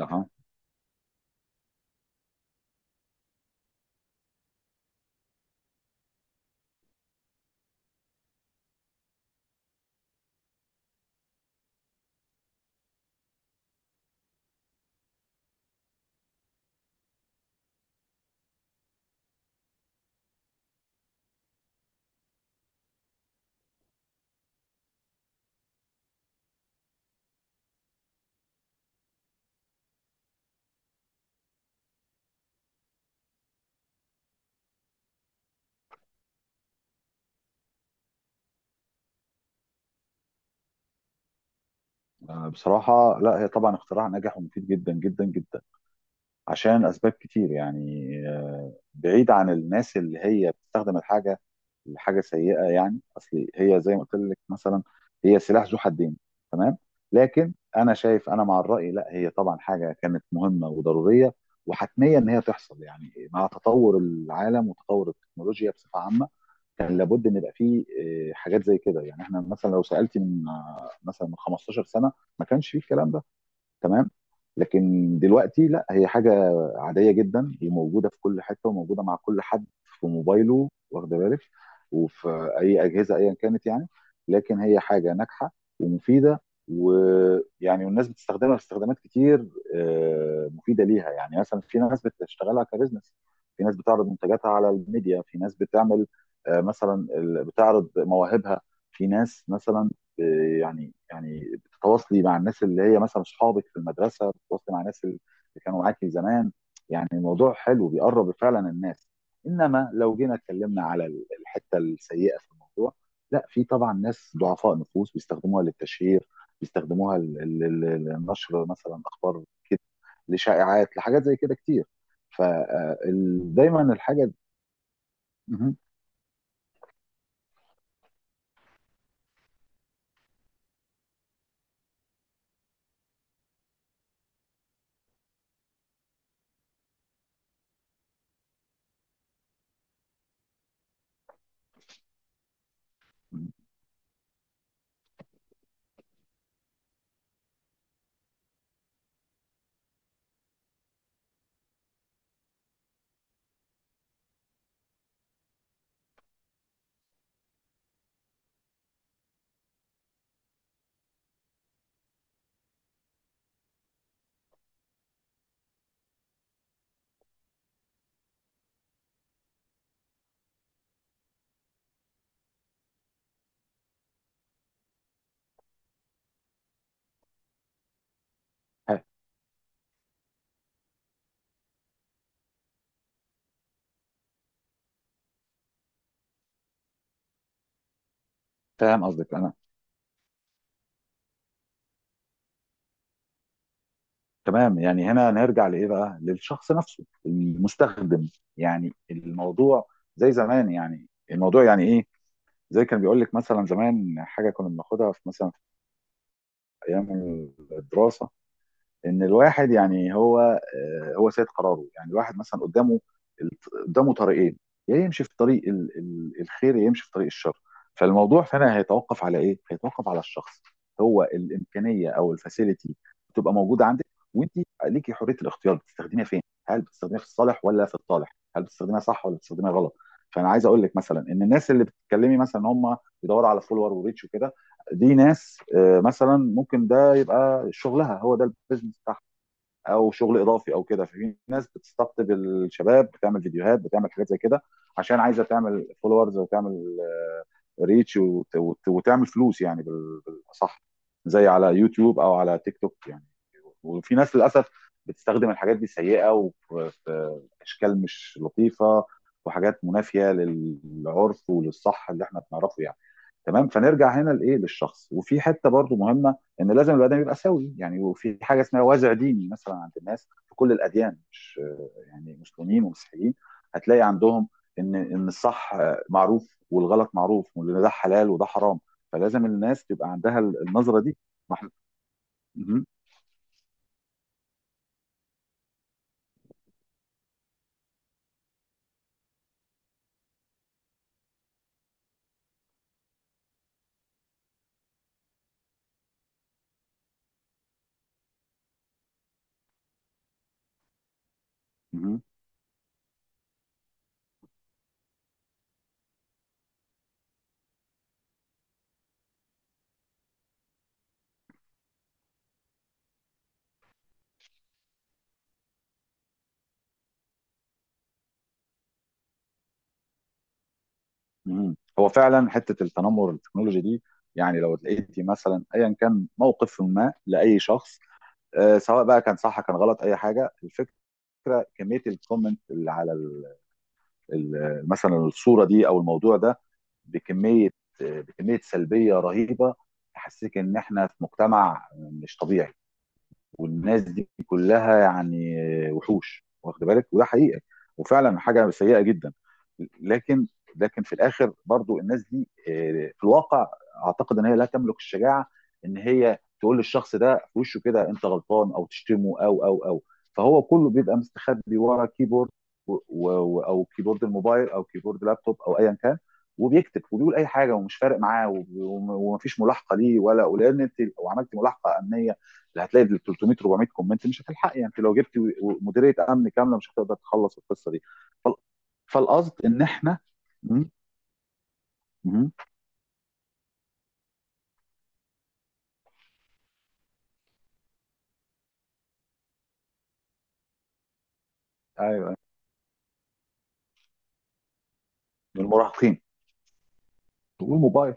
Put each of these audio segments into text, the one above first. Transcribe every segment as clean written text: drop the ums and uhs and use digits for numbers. أها آه، بصراحة لا هي طبعا اختراع ناجح ومفيد جدا جدا جدا عشان أسباب كتير. يعني بعيد عن الناس اللي هي بتستخدم الحاجة لحاجة سيئة. يعني أصل هي زي ما قلت لك مثلا هي سلاح ذو حدين. تمام. لكن أنا شايف أنا مع الرأي. لا هي طبعا حاجة كانت مهمة وضرورية وحتمية إن هي تحصل يعني مع تطور العالم وتطور التكنولوجيا بصفة عامة. كان لابد ان يبقى فيه حاجات زي كده. يعني احنا مثلا لو سالتي من مثلا من 15 سنه ما كانش فيه الكلام ده. تمام. لكن دلوقتي لا، هي حاجه عاديه جدا وموجوده في كل حته وموجوده مع كل حد في موبايله، واخد بالك، وفي اي اجهزه ايا كانت يعني. لكن هي حاجه ناجحه ومفيده، ويعني والناس بتستخدمها في استخدامات كتير مفيده ليها. يعني مثلا في ناس بتشتغلها كبزنس، في ناس بتعرض منتجاتها على الميديا، في ناس بتعمل مثلا بتعرض مواهبها، في ناس مثلا يعني بتتواصلي مع الناس اللي هي مثلا اصحابك في المدرسه، بتتواصلي مع الناس اللي كانوا معاكي زمان. يعني الموضوع حلو، بيقرب فعلا الناس. انما لو جينا اتكلمنا على الحته السيئه في الموضوع، لا في طبعا ناس ضعفاء نفوس بيستخدموها للتشهير، بيستخدموها لنشر مثلا اخبار كده، لشائعات، لحاجات زي كده كتير. فدايما الحاجه مهم. فاهم قصدك انا. تمام. يعني هنا نرجع لايه بقى؟ للشخص نفسه المستخدم. يعني الموضوع زي زمان، يعني الموضوع يعني ايه، زي كان بيقول لك مثلا زمان حاجه كنا بناخدها في مثلا في ايام الدراسه، ان الواحد يعني هو سيد قراره. يعني الواحد مثلا قدامه طريقين، يا يمشي في طريق الخير، يا يمشي في طريق الشر. فالموضوع فعلا هيتوقف على ايه؟ هيتوقف على الشخص. هو الامكانيه او الفاسيلتي بتبقى موجوده عندك، وانت ليكي حريه الاختيار بتستخدميها فين. هل بتستخدميها في الصالح ولا في الطالح؟ هل بتستخدميها صح ولا بتستخدميها غلط؟ فانا عايز اقول لك مثلا ان الناس اللي بتتكلمي مثلا ان هم بيدوروا على فولور وريتش وكده، دي ناس مثلا ممكن ده يبقى شغلها، هو ده البيزنس بتاعها او شغل اضافي او كده. ففي ناس بتستقطب الشباب، بتعمل فيديوهات، بتعمل حاجات زي كده عشان عايزه تعمل فولورز وتعمل ريتش وتعمل فلوس يعني بالاصح، زي على يوتيوب او على تيك توك يعني. وفي ناس للاسف بتستخدم الحاجات دي سيئه، وفي اشكال مش لطيفه وحاجات منافيه للعرف وللصح اللي احنا بنعرفه يعني. تمام. فنرجع هنا لايه؟ للشخص. وفي حته برضو مهمه ان لازم البني ادم يبقى سوي يعني. وفي حاجه اسمها وازع ديني مثلا عند الناس في كل الاديان، مش يعني مسلمين ومسيحيين، هتلاقي عندهم ان الصح معروف والغلط معروف وان ده حلال وده حرام. فلازم الناس تبقى عندها النظره دي. ما إحنا- مهم. مهم. مهم. هو فعلا حته التنمر التكنولوجي دي، يعني لو لقيتي مثلا ايا كان موقف ما لاي شخص، سواء بقى كان صح كان غلط اي حاجه، الفكره فكره كميه الكومنت اللي على ال مثلا الصوره دي او الموضوع ده، بكميه بكميه سلبيه رهيبه. تحسسك ان احنا في مجتمع مش طبيعي، والناس دي كلها يعني وحوش، واخد بالك، وده حقيقه، وفعلا حاجه سيئه جدا. لكن، في الاخر برضو الناس دي في الواقع اعتقد ان هي لا تملك الشجاعه ان هي تقول للشخص ده في وشه كده، انت غلطان، او تشتمه او او او فهو كله بيبقى مستخبي ورا كيبورد، و و او كيبورد الموبايل، او كيبورد لابتوب، او ايا كان، وبيكتب وبيقول اي حاجه، ومش فارق معاه، ومفيش ملاحقه ليه ولان انت لو عملت ملاحقه امنيه اللي هتلاقي 300 400 كومنت مش هتلحقي. يعني انت لو جبتي مديريه امن كامله، مش هتقدر تخلص القصه دي. فال- فالقصد ان احنا م- م- ايوه، المراهقين والموبايل،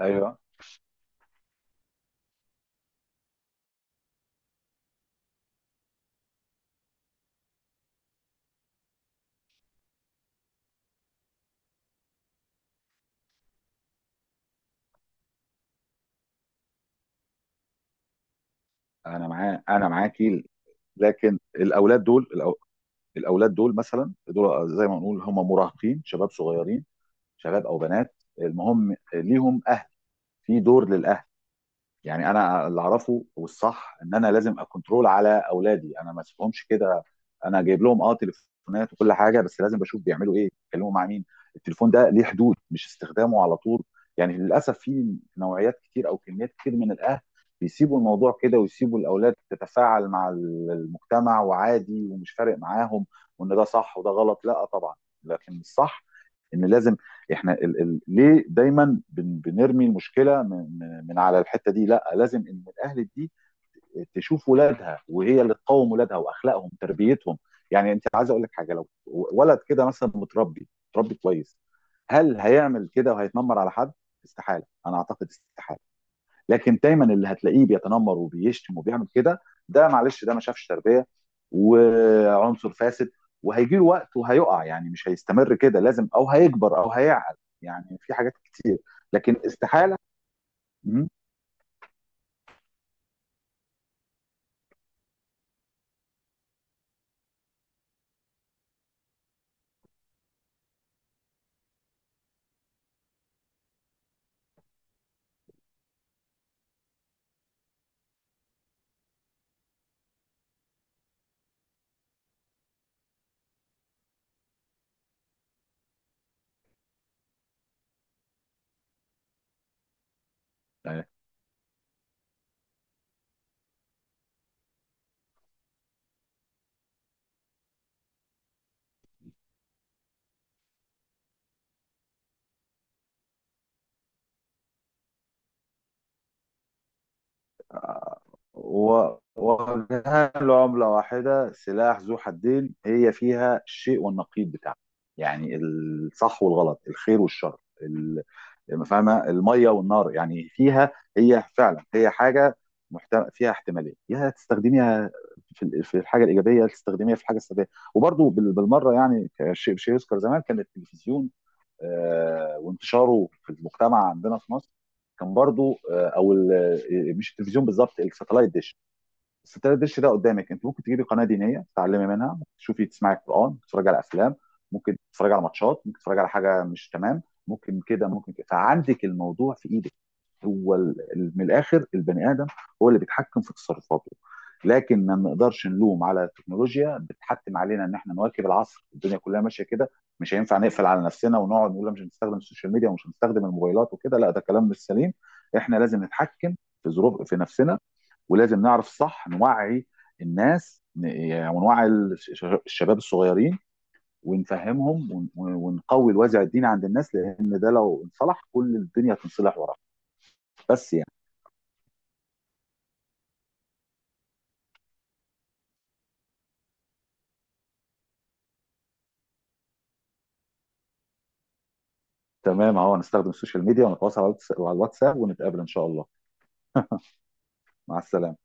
ايوه، انا معاكي. لكن الاولاد دول الاولاد دول مثلا، دول زي ما نقول هم مراهقين، شباب صغيرين، شباب او بنات. المهم ليهم اهل، في دور للاهل. يعني انا اللي اعرفه والصح ان انا لازم اكونترول على اولادي، انا ما اسيبهمش كده. انا جايب لهم تليفونات وكل حاجه، بس لازم بشوف بيعملوا ايه، بيتكلموا مع مين. التليفون ده ليه حدود، مش استخدامه على طول. يعني للاسف في نوعيات كتير او كميات كتير من الاهل بيسيبوا الموضوع كده، ويسيبوا الاولاد تتفاعل مع المجتمع وعادي، ومش فارق معاهم وان ده صح وده غلط. لا طبعا، لكن الصح ان لازم احنا ال ليه دايما بنرمي المشكله من على الحته دي؟ لا، لازم ان الاهل دي تشوف ولادها، وهي اللي تقوم ولادها واخلاقهم تربيتهم. يعني انت عايز اقول لك حاجه، لو ولد كده مثلا متربي متربي كويس، هل هيعمل كده وهيتنمر على حد؟ استحاله. انا اعتقد استحاله. لكن دايما اللي هتلاقيه بيتنمر وبيشتم وبيعمل كده، ده معلش ده ما شافش تربيه، وعنصر فاسد. وهيجي له وقت وهيقع، يعني مش هيستمر كده، لازم او هيكبر او هيعقل. يعني في حاجات كتير، لكن استحاله. مم. و- ووجهان لعملة واحدة، سلاح ذو حدين، هي فيها الشيء والنقيض بتاعها. يعني الصح والغلط، الخير والشر، فاهمة، المية والنار يعني فيها. هي فعلا هي حاجة فيها احتمالية، يا تستخدميها في في الحاجة الإيجابية يا تستخدميها في الحاجة السلبية. وبرضو بالمرة، يعني شيء يذكر، زمان كان التلفزيون وانتشاره في المجتمع عندنا في مصر كان برضو او مش التلفزيون بالظبط، الساتلايت ديش، بس التلات دش ده قدامك، انت ممكن تجيبي قناه دينيه تتعلمي منها، ممكن تشوفي تسمعي قران، ممكن تتفرجي على افلام، ممكن تتفرجي على ماتشات، ممكن تتفرجي على حاجه مش تمام. ممكن كده ممكن كده، فعندك الموضوع في ايدك. هو من الاخر البني ادم هو اللي بيتحكم في تصرفاته. لكن ما نقدرش نلوم على التكنولوجيا، بتحتم علينا ان احنا نواكب العصر، الدنيا كلها ماشيه كده. مش هينفع نقفل على نفسنا ونقعد نقول مش هنستخدم السوشيال ميديا ومش هنستخدم الموبايلات وكده. لا، ده كلام مش سليم. احنا لازم نتحكم في ظروف في نفسنا، ولازم نعرف صح، نوعي الناس يعني، ونوعي الشباب الصغيرين، ونفهمهم، ونقوي الوازع الديني عند الناس، لان ده لو انصلح كل الدنيا هتنصلح وراه. بس يعني. تمام، اهو هنستخدم السوشيال ميديا ونتواصل على على الواتساب ونتقابل ان شاء الله. مع السلامه.